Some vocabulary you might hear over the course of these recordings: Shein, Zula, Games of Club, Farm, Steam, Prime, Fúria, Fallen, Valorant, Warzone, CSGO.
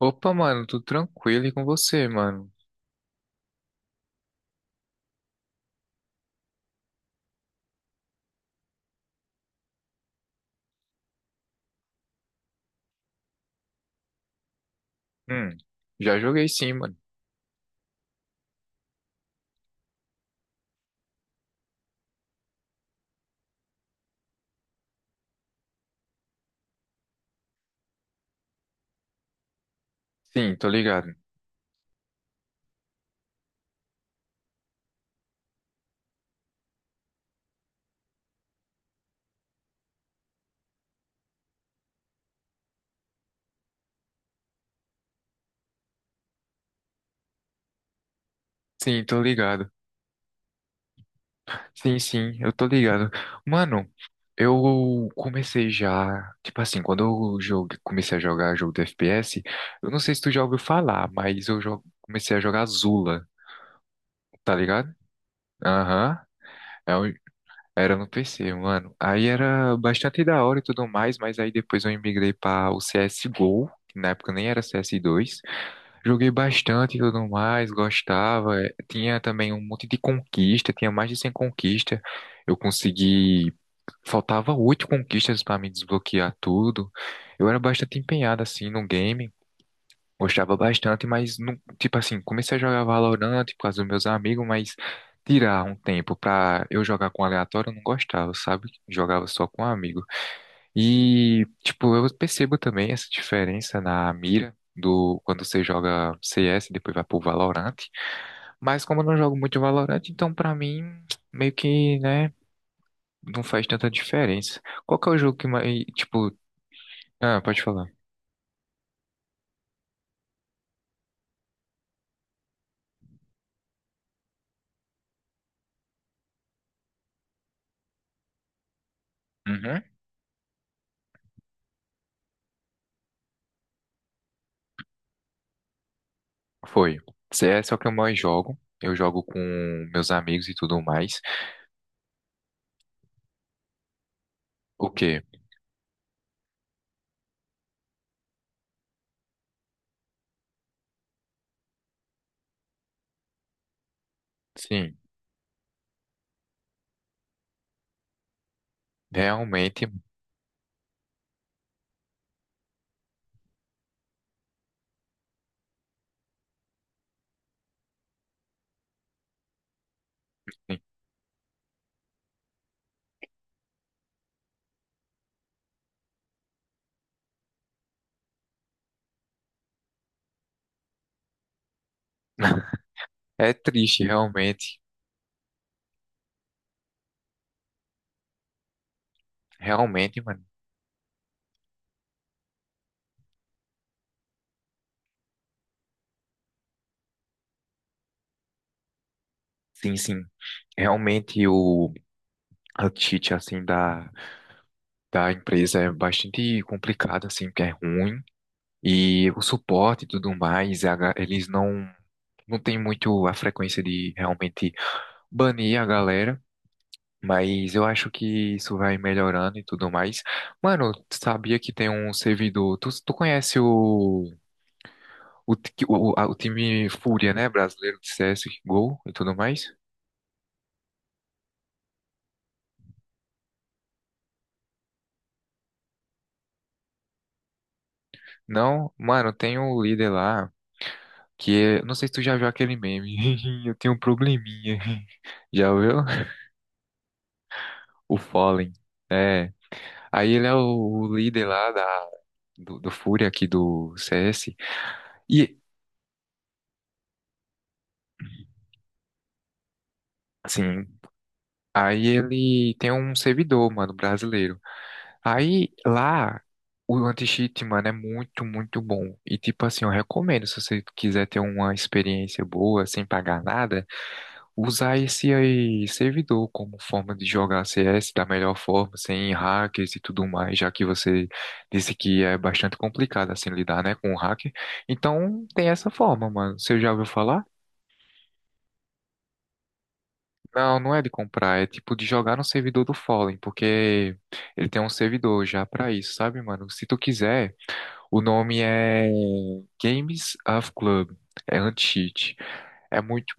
Opa, mano, tudo tranquilo e com você, mano? Hum, já joguei sim, mano. Sim, tô ligado. Sim, tô ligado. Sim, sim, eu tô ligado. Mano, eu comecei já. Tipo assim, comecei a jogar jogo de FPS, eu não sei se tu já ouviu falar, mas comecei a jogar Zula, tá ligado? Aham. é um- Era no PC, mano. Aí era bastante da hora e tudo mais, mas aí depois eu migrei pra o CSGO, que na época nem era CS2. Joguei bastante e tudo mais, gostava. Tinha também um monte de conquista, tinha mais de 100 conquistas. Eu consegui. Faltava oito conquistas para me desbloquear tudo. Eu era bastante empenhado assim no game, gostava bastante, mas não, tipo assim, comecei a jogar Valorant por causa dos meus amigos, mas tirar um tempo pra eu jogar com aleatório eu não gostava, sabe? Jogava só com amigos. E, tipo, eu percebo também essa diferença na mira do quando você joga CS e depois vai pro Valorant. Mas como eu não jogo muito Valorant, então pra mim meio que, né, não faz tanta diferença. Qual que é o jogo que mais, tipo, ah, pode falar. Uhum. Foi. CS é o que eu mais jogo. Eu jogo com meus amigos e tudo mais. O quê? Sim, realmente. Sim. É triste, realmente. Realmente, mano. Sim, sim. Realmente o a cheat, assim, da empresa é bastante complicada, assim, porque é ruim. E o suporte e tudo mais, eles não têm muito a frequência de realmente banir a galera. Mas eu acho que isso vai melhorando e tudo mais. Mano, tu sabia que tem um servidor. Tu conhece o, ti- o, a- o time Fúria, né? Brasileiro de CSGO e tudo mais? Não? Mano, tem um líder lá. Que é, não sei se tu já viu aquele meme. Eu tenho um probleminha. Já viu? O Fallen. É. Aí ele é o líder lá do Fúria aqui do CS. E, assim, aí ele tem um servidor, mano, brasileiro. Aí lá, o anti-cheat, mano, é muito, muito bom. E, tipo assim, eu recomendo se você quiser ter uma experiência boa, sem pagar nada. Usar esse aí servidor como forma de jogar CS da melhor forma, sem hackers e tudo mais, já que você disse que é bastante complicado assim lidar, né, com o hacker. Então tem essa forma, mano. Você já ouviu falar? Não, não é de comprar, é tipo de jogar no servidor do Fallen, porque ele tem um servidor já pra isso, sabe, mano? Se tu quiser, o nome é Games of Club, é anti-cheat. É muito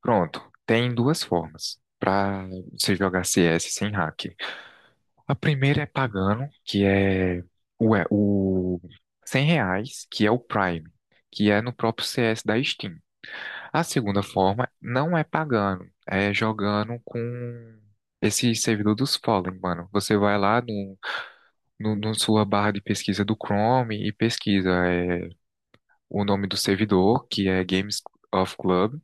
Pronto. Tem duas formas pra você jogar CS sem hack. A primeira é pagando, que é o 100 reais, que é o Prime, que é no próprio CS da Steam. A segunda forma não é pagando, é jogando com esse servidor dos Fallen, mano. Você vai lá no sua barra de pesquisa do Chrome e pesquisa é, o nome do servidor, que é Games of Club,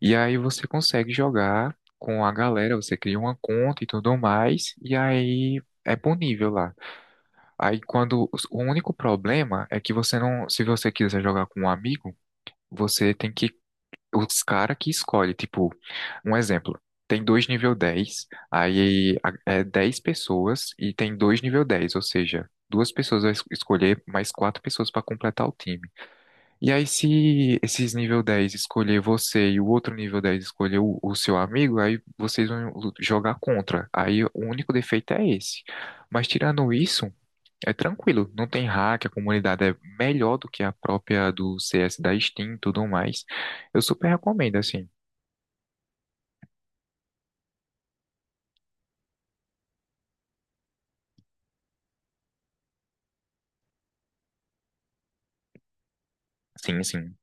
e aí você consegue jogar com a galera, você cria uma conta e tudo mais, e aí é ponível lá. Aí quando o único problema é que você não, se você quiser jogar com um amigo, você tem que os cara que escolhe, tipo, um exemplo, tem dois nível 10, é 10 pessoas e tem dois nível 10, ou seja, duas pessoas vai escolher mais quatro pessoas para completar o time. E aí se esses nível 10 escolher você e o outro nível 10 escolher o seu amigo, aí vocês vão jogar contra. Aí o único defeito é esse. Mas tirando isso, é tranquilo, não tem hack, a comunidade é melhor do que a própria do CS da Steam e tudo mais. Eu super recomendo, assim. Sim, sim,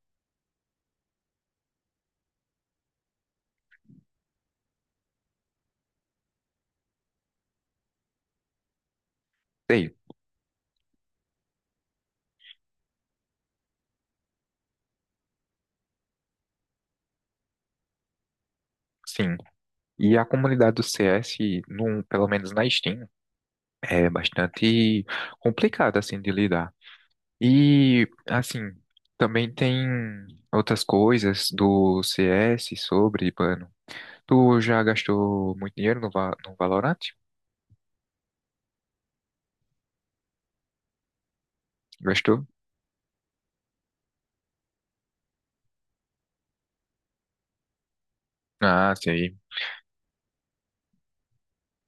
sei, sim. E a comunidade do CS, no, pelo menos na Steam, é bastante complicada, assim, de lidar. E, assim, também tem outras coisas do CS sobre, mano. Tu já gastou muito dinheiro no, no Valorant? Gastou? Ah, sim.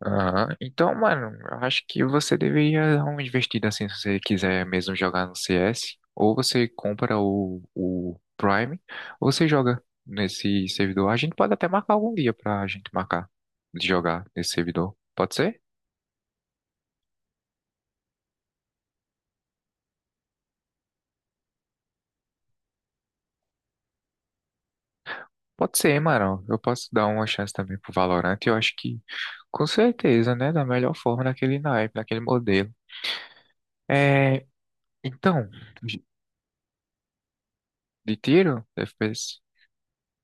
Aham. Então, mano, eu acho que você deveria dar uma investida assim se você quiser mesmo jogar no CS. Ou você compra o Prime, ou você joga nesse servidor. A gente pode até marcar algum dia pra gente marcar de jogar nesse servidor. Pode ser? Pode ser, mano. Eu posso dar uma chance também pro Valorant. Eu acho que, com certeza, né? Da melhor forma, naquele naipe, naquele modelo. É. Então, de tiro? FPS?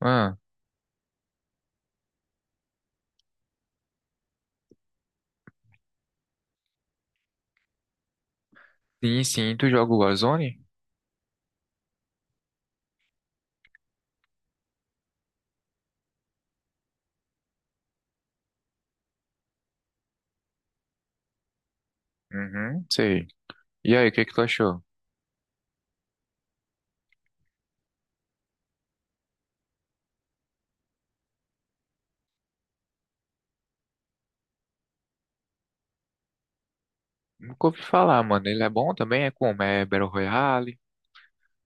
Ah, sim, sim. Tu joga o Warzone? Uhum, sei. E aí, o que que tu achou? Nunca ouvi falar, mano. Ele é bom também? É como? É Battle Royale?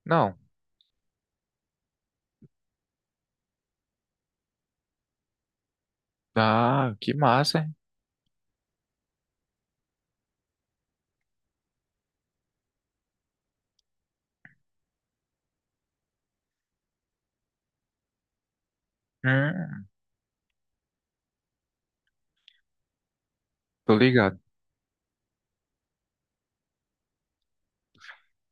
Não. Ah, que massa, hein? Hum, tô ligado.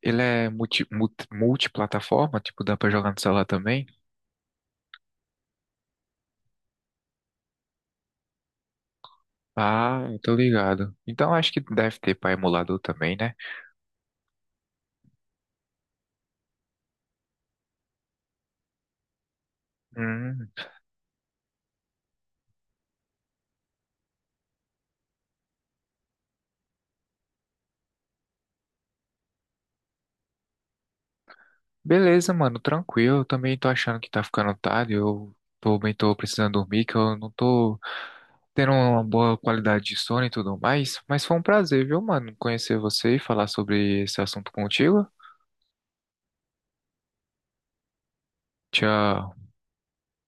Ele é multi, multi, multiplataforma, tipo, dá pra jogar no celular também? Ah, eu tô ligado. Então acho que deve ter pra emulador também, né? Hum, beleza, mano, tranquilo. Eu também tô achando que tá ficando tarde. Eu também tô precisando dormir, que eu não tô. Ter uma boa qualidade de sono e tudo mais. Mas foi um prazer, viu, mano, conhecer você e falar sobre esse assunto contigo. Tchau.